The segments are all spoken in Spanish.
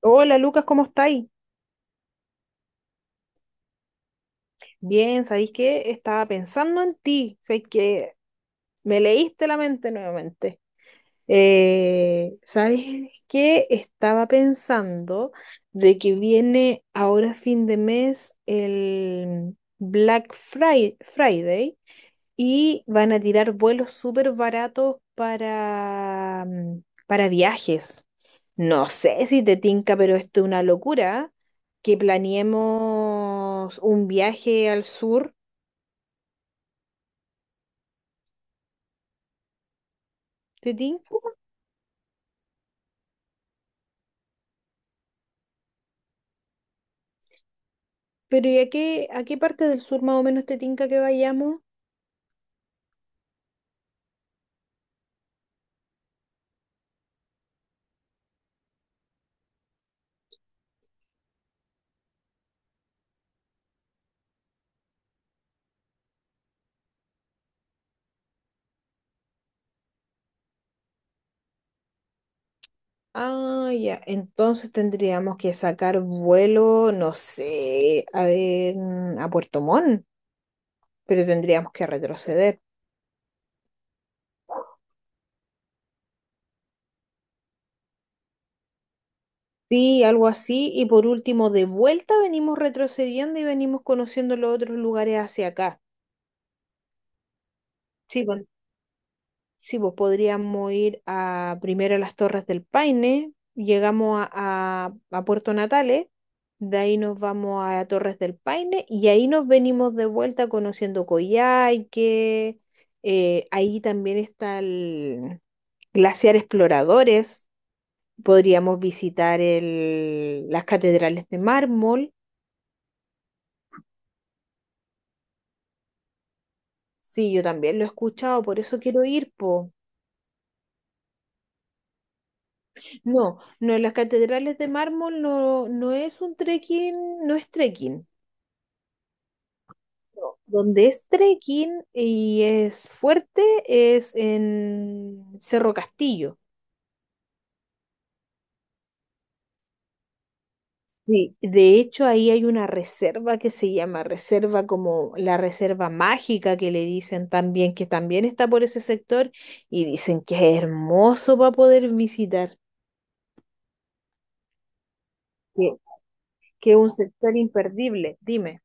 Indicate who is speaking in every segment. Speaker 1: Hola Lucas, ¿cómo estáis? Bien, ¿sabéis qué? Estaba pensando en ti, ¿sabéis que me leíste la mente nuevamente. ¿Sabéis qué? Estaba pensando de que viene ahora fin de mes el Black Friday y van a tirar vuelos súper baratos para, para viajes. No sé si te tinca, pero esto es una locura. Que planeemos un viaje al sur, ¿te tinca? Pero ¿y a qué parte del sur más o menos te tinca que vayamos? Ah, ya. Entonces tendríamos que sacar vuelo, no sé, a ver, a Puerto Montt, pero tendríamos que retroceder. Sí, algo así. Y por último, de vuelta venimos retrocediendo y venimos conociendo los otros lugares hacia acá. Sí, pues, sí, pues podríamos ir a, primero a las Torres del Paine, llegamos a, a Puerto Natales, de ahí nos vamos a Torres del Paine y ahí nos venimos de vuelta conociendo Coyhaique, ahí también está el Glaciar Exploradores, podríamos visitar las catedrales de mármol, sí, yo también lo he escuchado, por eso quiero ir, pues. No, no, en las catedrales de mármol no, no es un trekking, no es trekking. No. Donde es trekking y es fuerte es en Cerro Castillo. Sí. De hecho, ahí hay una reserva que se llama reserva como la reserva mágica que le dicen también, que también está por ese sector y dicen que es hermoso para poder visitar, que, que es un sector imperdible. Dime.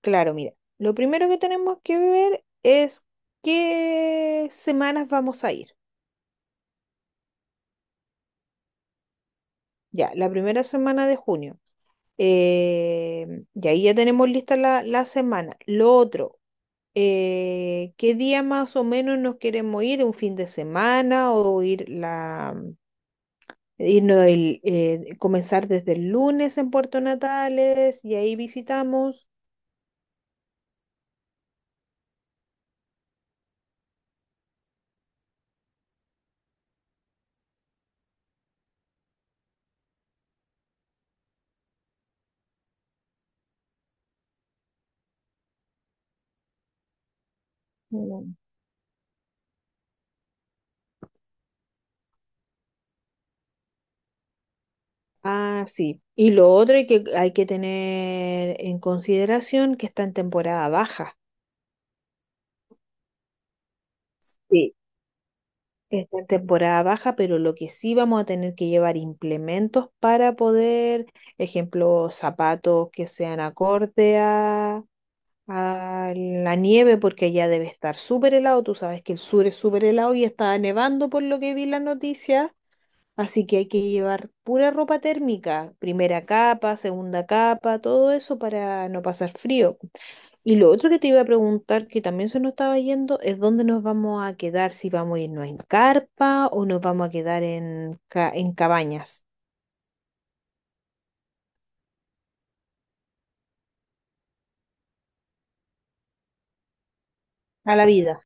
Speaker 1: Claro, mira, lo primero que tenemos que ver es qué semanas vamos a ir. Ya, la primera semana de junio. Y ahí ya tenemos lista la semana. Lo otro, ¿qué día más o menos nos queremos ir? ¿Un fin de semana o ir irnos comenzar desde el lunes en Puerto Natales y ahí visitamos? Mm, ah, sí. Y lo otro hay que tener en consideración que está en temporada baja. Sí. Está en temporada baja, pero lo que sí vamos a tener que llevar implementos para poder, ejemplo, zapatos que sean acorde a la nieve, porque allá debe estar súper helado. Tú sabes que el sur es súper helado y está nevando por lo que vi en la noticia. Así que hay que llevar pura ropa térmica, primera capa, segunda capa, todo eso para no pasar frío. Y lo otro que te iba a preguntar, que también se nos estaba yendo, es dónde nos vamos a quedar, si vamos a irnos en carpa o nos vamos a quedar en, en cabañas. A la vida.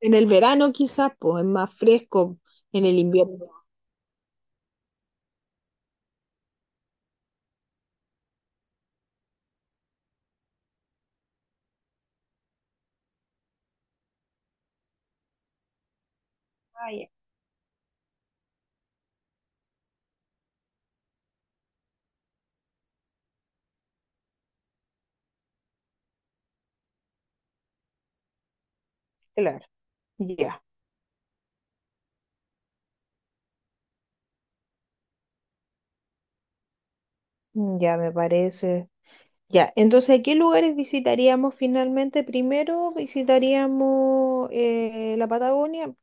Speaker 1: En el verano quizás, pues es más fresco, en el invierno. Ah, ya, claro, ya, ya me parece. Ya, entonces, ¿qué lugares visitaríamos finalmente? Primero visitaríamos la Patagonia,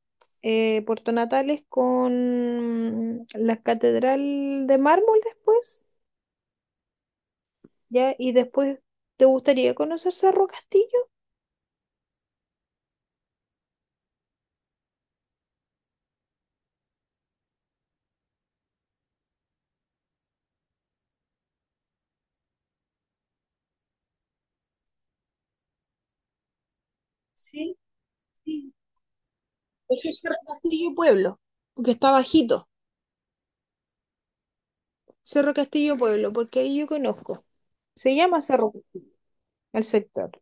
Speaker 1: Puerto Natales con la Catedral de Mármol después, ¿ya? Y después, ¿te gustaría conocer Cerro Castillo? Sí, sí. Es que Cerro Castillo Pueblo, porque está bajito. Cerro Castillo Pueblo, porque ahí yo conozco. Se llama Cerro, el sector.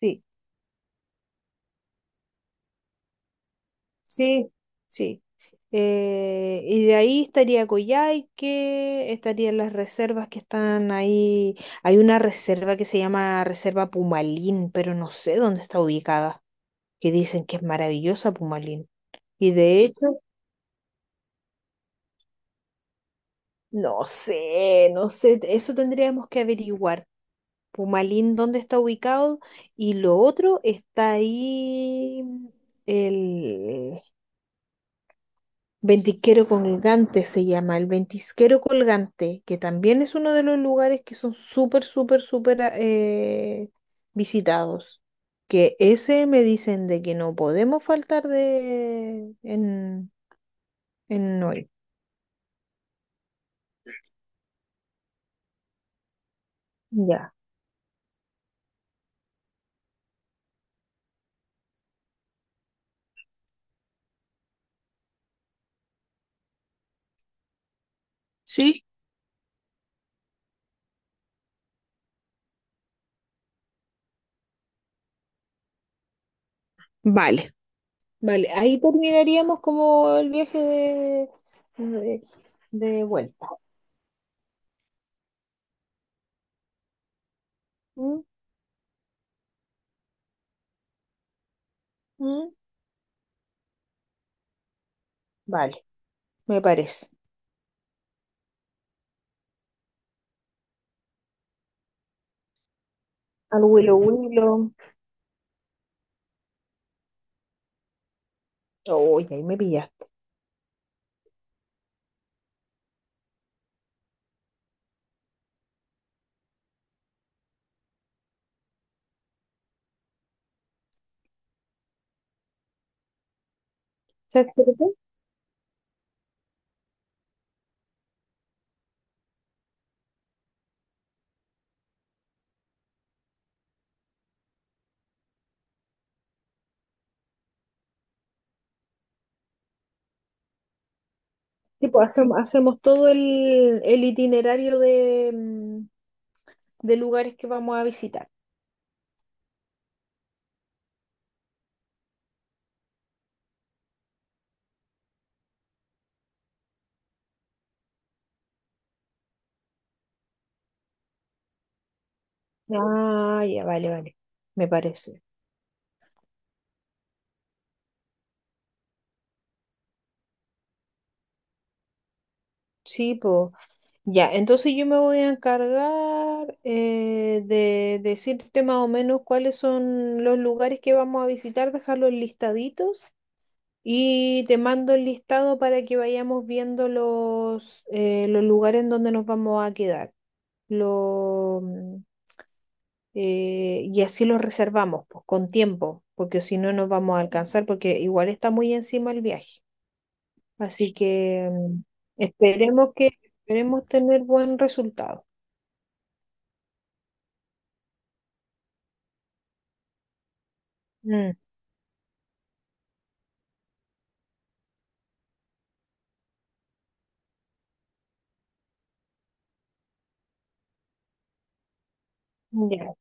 Speaker 1: Sí, sí, sí. Y de ahí estaría Coyhaique, estarían las reservas que están ahí. Hay una reserva que se llama Reserva Pumalín, pero no sé dónde está ubicada. Que dicen que es maravillosa Pumalín. Y de hecho, no sé, no sé, eso tendríamos que averiguar. Pumalín, ¿dónde está ubicado? Y lo otro está ahí, el Ventisquero Colgante se llama, el Ventisquero Colgante, que también es uno de los lugares que son súper, súper, súper visitados. Que ese me dicen de que no podemos faltar de en Noel. Ya. ¿Sí? Vale. Vale, ahí terminaríamos como el viaje de, de vuelta. Mm, vale, me parece. Al Willow Willow. Oye, ahí me pillaste. ¿Sabes qué? Tipo, hacemos, hacemos todo el itinerario de, de lugares que vamos a visitar. Ah, ya, vale, vale. Me parece. Sí, pues. Ya, entonces yo me voy a encargar de decirte más o menos cuáles son los lugares que vamos a visitar, dejarlos listaditos y te mando el listado para que vayamos viendo los lugares en donde nos vamos a quedar. Lo, mm, y así los reservamos, pues, con tiempo, porque si no nos vamos a alcanzar, porque igual está muy encima el viaje. Así que esperemos que esperemos tener buen resultado. Mm, ya,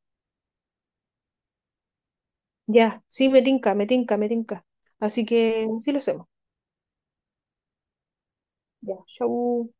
Speaker 1: ya, sí, me tinca, me tinca, me tinca. Así que sí lo hacemos. Ya, chau.